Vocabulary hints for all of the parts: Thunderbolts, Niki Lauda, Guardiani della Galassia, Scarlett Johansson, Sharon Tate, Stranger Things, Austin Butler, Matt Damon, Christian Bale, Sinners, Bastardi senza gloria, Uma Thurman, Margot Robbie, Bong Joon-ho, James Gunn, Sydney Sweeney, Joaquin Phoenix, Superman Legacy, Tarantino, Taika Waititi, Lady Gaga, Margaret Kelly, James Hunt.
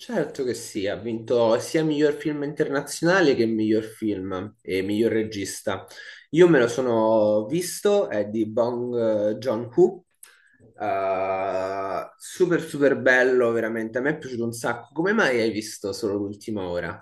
Certo che sì, ha vinto sia miglior film internazionale che miglior film e miglior regista. Io me lo sono visto, è di Bong Joon-ho, super super bello, veramente, a me è piaciuto un sacco. Come mai hai visto solo l'ultima ora?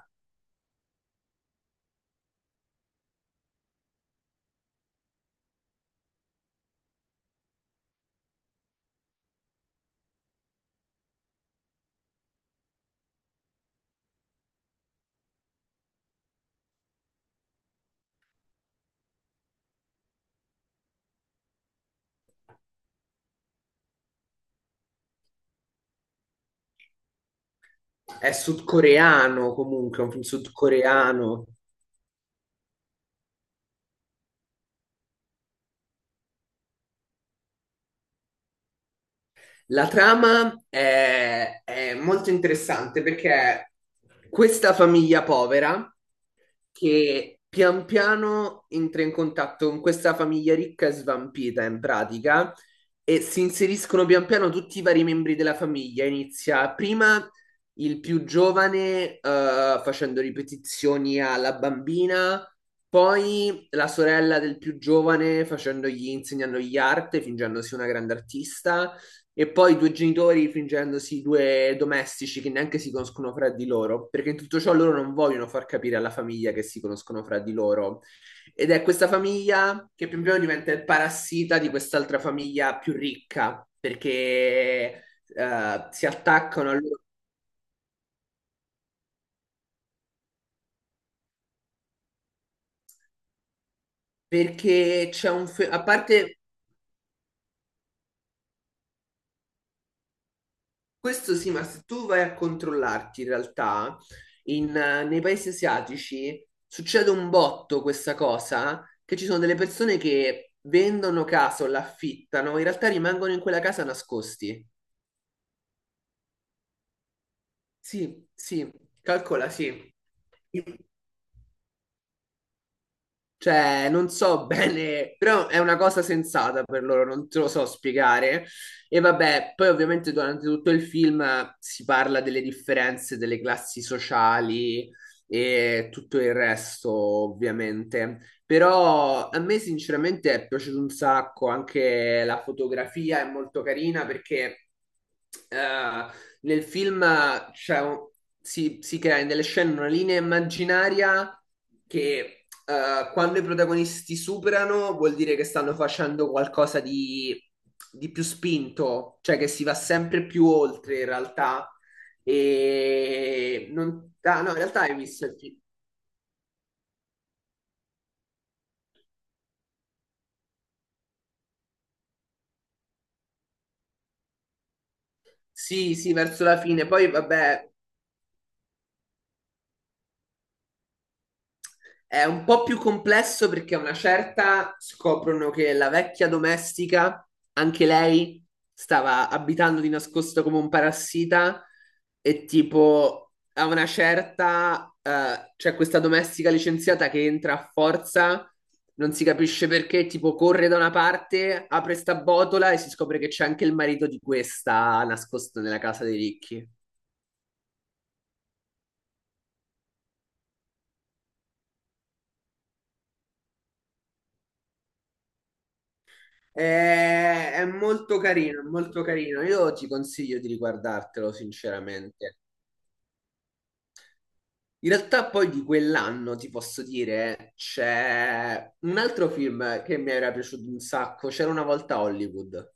È sudcoreano comunque, è un film sudcoreano. La trama è molto interessante perché questa famiglia povera che pian piano entra in contatto con questa famiglia ricca e svampita in pratica e si inseriscono pian piano tutti i vari membri della famiglia. Inizia prima il più giovane facendo ripetizioni alla bambina, poi la sorella del più giovane facendogli, insegnandogli arte, fingendosi una grande artista. E poi i due genitori fingendosi due domestici che neanche si conoscono fra di loro, perché in tutto ciò loro non vogliono far capire alla famiglia che si conoscono fra di loro. Ed è questa famiglia che pian piano diventa il parassita di quest'altra famiglia più ricca, perché si attaccano a loro. Perché c'è un a parte. Questo sì, ma se tu vai a controllarti in realtà, nei paesi asiatici succede un botto questa cosa, che ci sono delle persone che vendono casa o l'affittano, in realtà rimangono in quella casa nascosti. Sì, sì, calcola, sì. Cioè, non so bene, però è una cosa sensata per loro, non te lo so spiegare. E vabbè, poi ovviamente durante tutto il film si parla delle differenze delle classi sociali e tutto il resto, ovviamente. Però a me sinceramente è piaciuto un sacco, anche la fotografia è molto carina perché eh, nel film, cioè, si crea in delle scene una linea immaginaria che quando i protagonisti superano vuol dire che stanno facendo qualcosa di più spinto, cioè che si va sempre più oltre in realtà. E non... ah, no, in realtà hai visto il film. Sì, sì, verso la fine. Poi, vabbè, è un po' più complesso perché a una certa scoprono che la vecchia domestica, anche lei, stava abitando di nascosto come un parassita e tipo a una certa c'è questa domestica licenziata che entra a forza, non si capisce perché, tipo corre da una parte, apre sta botola e si scopre che c'è anche il marito di questa nascosto nella casa dei ricchi. È molto carino, è molto carino. Io ti consiglio di riguardartelo, sinceramente. In realtà poi di quell'anno ti posso dire c'è un altro film che mi era piaciuto un sacco. C'era una volta a Hollywood.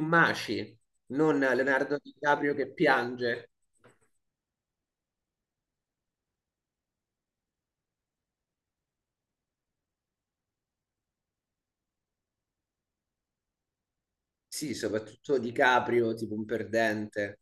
Maci, non Leonardo DiCaprio che piange. Sì, soprattutto DiCaprio, tipo un perdente.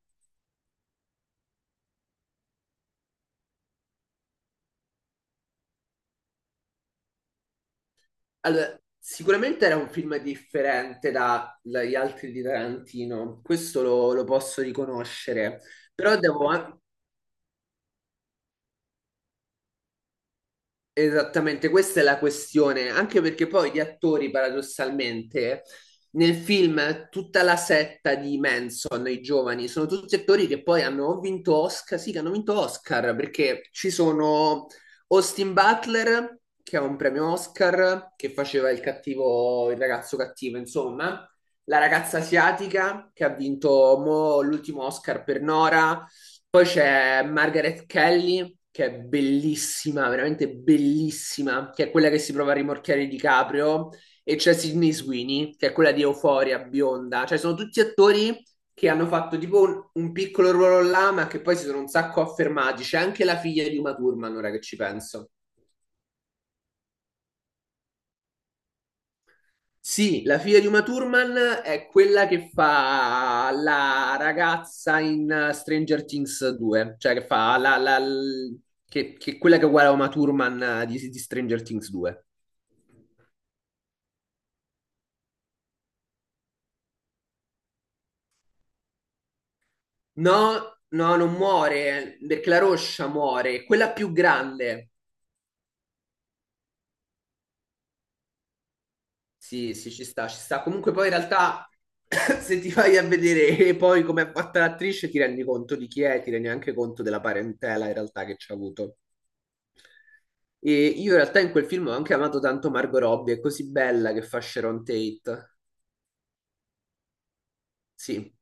Allora, sicuramente era un film differente da- dagli altri di Tarantino, questo lo posso riconoscere, però devo. Esattamente, questa è la questione, anche perché poi gli attori, paradossalmente, nel film tutta la setta di Manson, i giovani, sono tutti attori che poi hanno o vinto Oscar, sì, che hanno vinto Oscar, perché ci sono Austin Butler, che ha un premio Oscar, che faceva il cattivo, il ragazzo cattivo, insomma, la ragazza asiatica, che ha vinto mo l'ultimo Oscar per Nora, poi c'è Margaret Kelly che è bellissima, veramente bellissima, che è quella che si prova a rimorchiare di Caprio e c'è Sydney Sweeney, che è quella di Euphoria, bionda, cioè sono tutti attori che hanno fatto tipo un piccolo ruolo là, ma che poi si sono un sacco affermati. C'è anche la figlia di Uma Thurman, ora che ci penso. Sì, la figlia di Uma Thurman è quella che fa la ragazza in Stranger Things 2, cioè che fa che è quella che è uguale a Uma Thurman di Stranger Things 2. No, no, non muore, perché la roscia muore, quella più grande. Sì, sì, ci sta, ci sta. Comunque poi in realtà se ti vai a vedere poi come è fatta l'attrice ti rendi conto di chi è, ti rendi anche conto della parentela in realtà che ci ha avuto. E io in realtà in quel film ho anche amato tanto Margot Robbie, è così bella che fa Sharon Tate. Sì,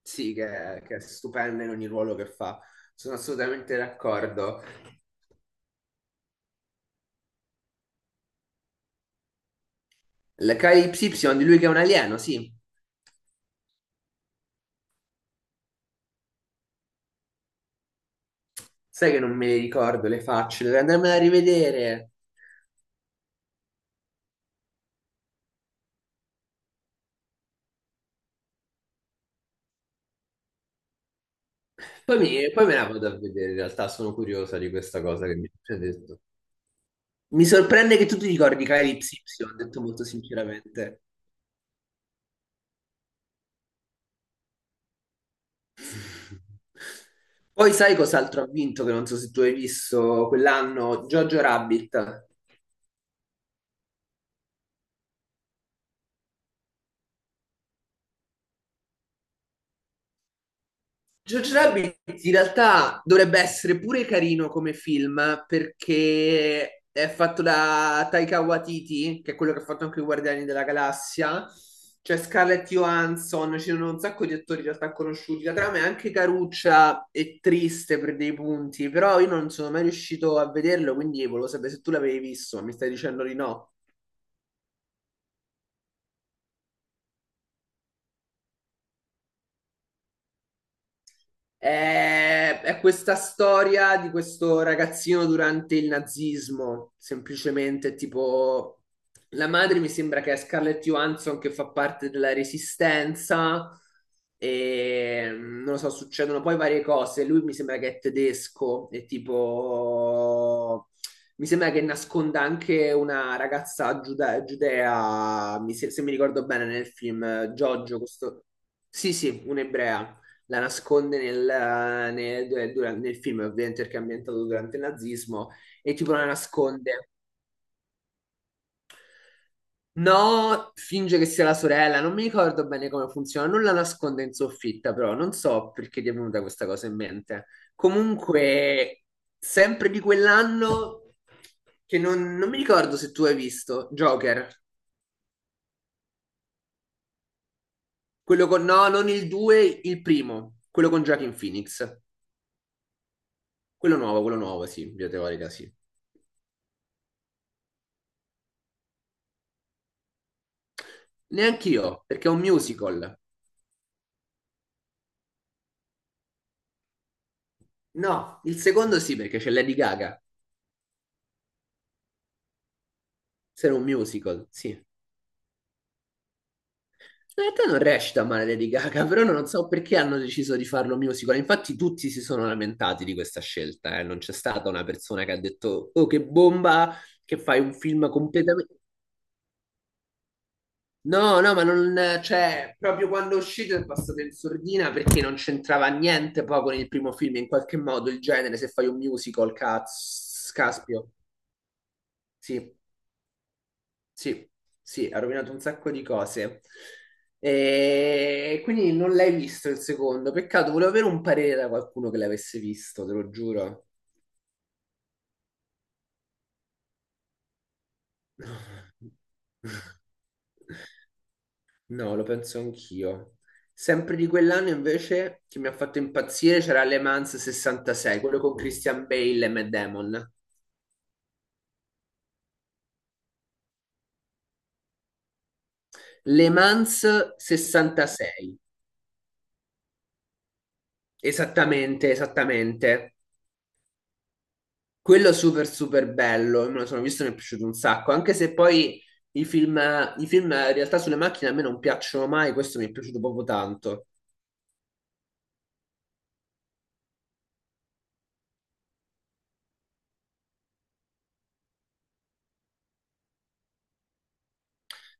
sì, che è stupenda in ogni ruolo che fa. Sono assolutamente d'accordo. La KY di lui che è un alieno, sì. Sai che non me le ricordo le facce, dovrei andarmela a rivedere. Poi, poi me la vado a vedere, in realtà sono curiosa di questa cosa che mi hai appena detto. Mi sorprende che tu ti ricordi Calypso Y, ho detto molto sinceramente. Poi sai cos'altro ha vinto, che non so se tu hai visto quell'anno, Jojo Rabbit. Jojo Rabbit in realtà dovrebbe essere pure carino come film perché è fatto da Taika Waititi, che è quello che ha fatto anche i Guardiani della Galassia. C'è Scarlett Johansson, ci sono un sacco di attori in realtà conosciuti. La trama è anche caruccia e triste per dei punti, però io non sono mai riuscito a vederlo, quindi volevo sapere se tu l'avevi visto, ma mi stai dicendo di no. È questa storia di questo ragazzino durante il nazismo, semplicemente tipo la madre mi sembra che è Scarlett Johansson che fa parte della Resistenza e non lo so, succedono poi varie cose. Lui mi sembra che è tedesco e tipo mi sembra che nasconda anche una ragazza giudea, mi se, se mi ricordo bene nel film, Giorgio, questo... Sì, sì, un'ebrea la nasconde nel film, ovviamente perché è ambientato durante il nazismo, e tipo la nasconde. No, finge che sia la sorella, non mi ricordo bene come funziona, non la nasconde in soffitta, però non so perché ti è venuta questa cosa in mente. Comunque, sempre di quell'anno, che non mi ricordo se tu hai visto, Joker, quello con, no, non il 2, il primo, quello con Joaquin Phoenix, quello nuovo, sì, in via teorica, sì. Neanche io, perché è un musical. No, il secondo sì, perché c'è Lady Gaga. Se era un musical, sì. In realtà non recita male Lady Gaga, però non so perché hanno deciso di farlo musical. Infatti tutti si sono lamentati di questa scelta, eh. Non c'è stata una persona che ha detto, oh, che bomba, che fai un film completamente... No, no, ma non... Cioè, proprio quando è uscito è passato in sordina perché non c'entrava niente poi con il primo film. In qualche modo il genere, se fai un musical, cazzo, caspio. Sì. Sì, sì, ha rovinato un sacco di cose. E quindi non l'hai visto il secondo. Peccato, volevo avere un parere da qualcuno che l'avesse visto, te lo giuro. No, lo penso anch'io. Sempre di quell'anno invece che mi ha fatto impazzire c'era Le Mans 66, quello con Christian Bale e Matt Damon. Le Mans 66, esattamente, esattamente. Quello super super bello, me lo sono visto e mi è piaciuto un sacco, anche se poi i film, i film in realtà sulle macchine a me non piacciono mai, questo mi è piaciuto proprio tanto.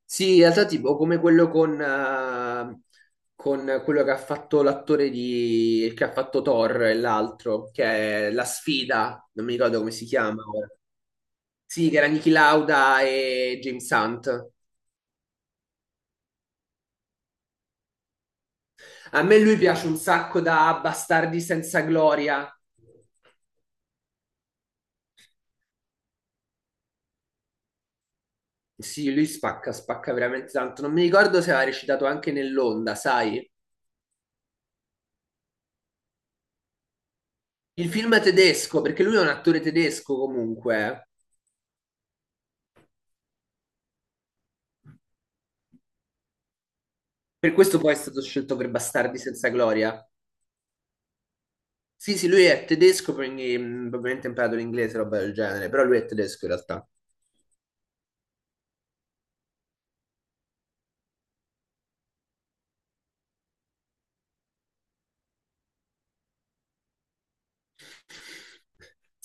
Sì, in realtà tipo come quello con quello che ha fatto l'attore di, che ha fatto Thor e l'altro, che è La Sfida, non mi ricordo come si chiama ora. Sì, che era Niki Lauda e James Hunt. A me lui piace un sacco da Bastardi senza gloria. Sì, lui spacca, spacca veramente tanto. Non mi ricordo se aveva recitato anche nell'Onda, sai? Il film è tedesco, perché lui è un attore tedesco comunque. Per questo poi è stato scelto per Bastardi senza gloria. Sì, sì, lui è tedesco, quindi probabilmente ha imparato l'inglese, roba del genere, però lui è tedesco in realtà.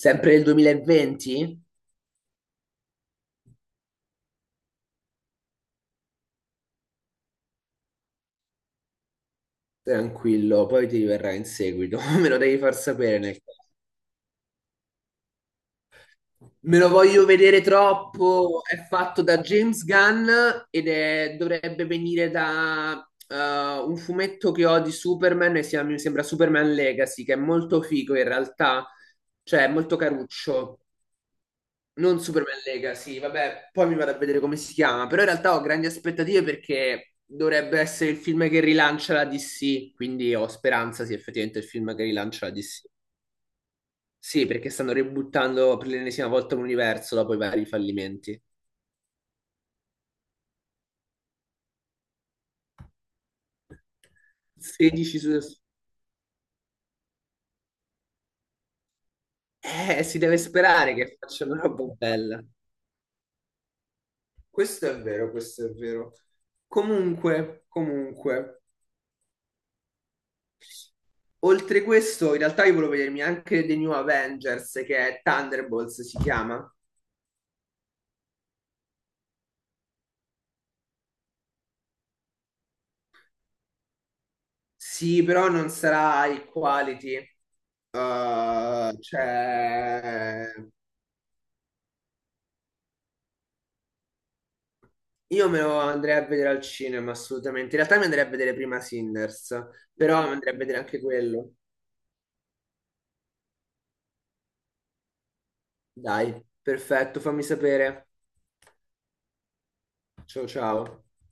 Sempre nel 2020? Tranquillo, poi ti verrà in seguito, me lo devi far sapere nel caso. Me lo voglio vedere troppo. È fatto da James Gunn ed dovrebbe venire da un fumetto che ho di Superman e si mi sembra Superman Legacy, che è molto figo in realtà, cioè è molto caruccio. Non Superman Legacy, vabbè, poi mi vado a vedere come si chiama, però in realtà ho grandi aspettative perché dovrebbe essere il film che rilancia la DC, quindi ho speranza sia effettivamente il film che rilancia la DC. Sì, perché stanno ributtando per l'ennesima volta l'universo dopo i vari fallimenti. 16 su... si deve sperare che facciano una roba bella. Questo è vero, questo è vero. Comunque, comunque, oltre questo, in realtà io volevo vedermi anche The New Avengers, che è Thunderbolts, si chiama. Sì, però non sarà high quality. Cioè, io me lo andrei a vedere al cinema, assolutamente. In realtà mi andrei a vedere prima Sinners, però mi andrei a vedere anche quello. Dai, perfetto, fammi sapere. Ciao ciao.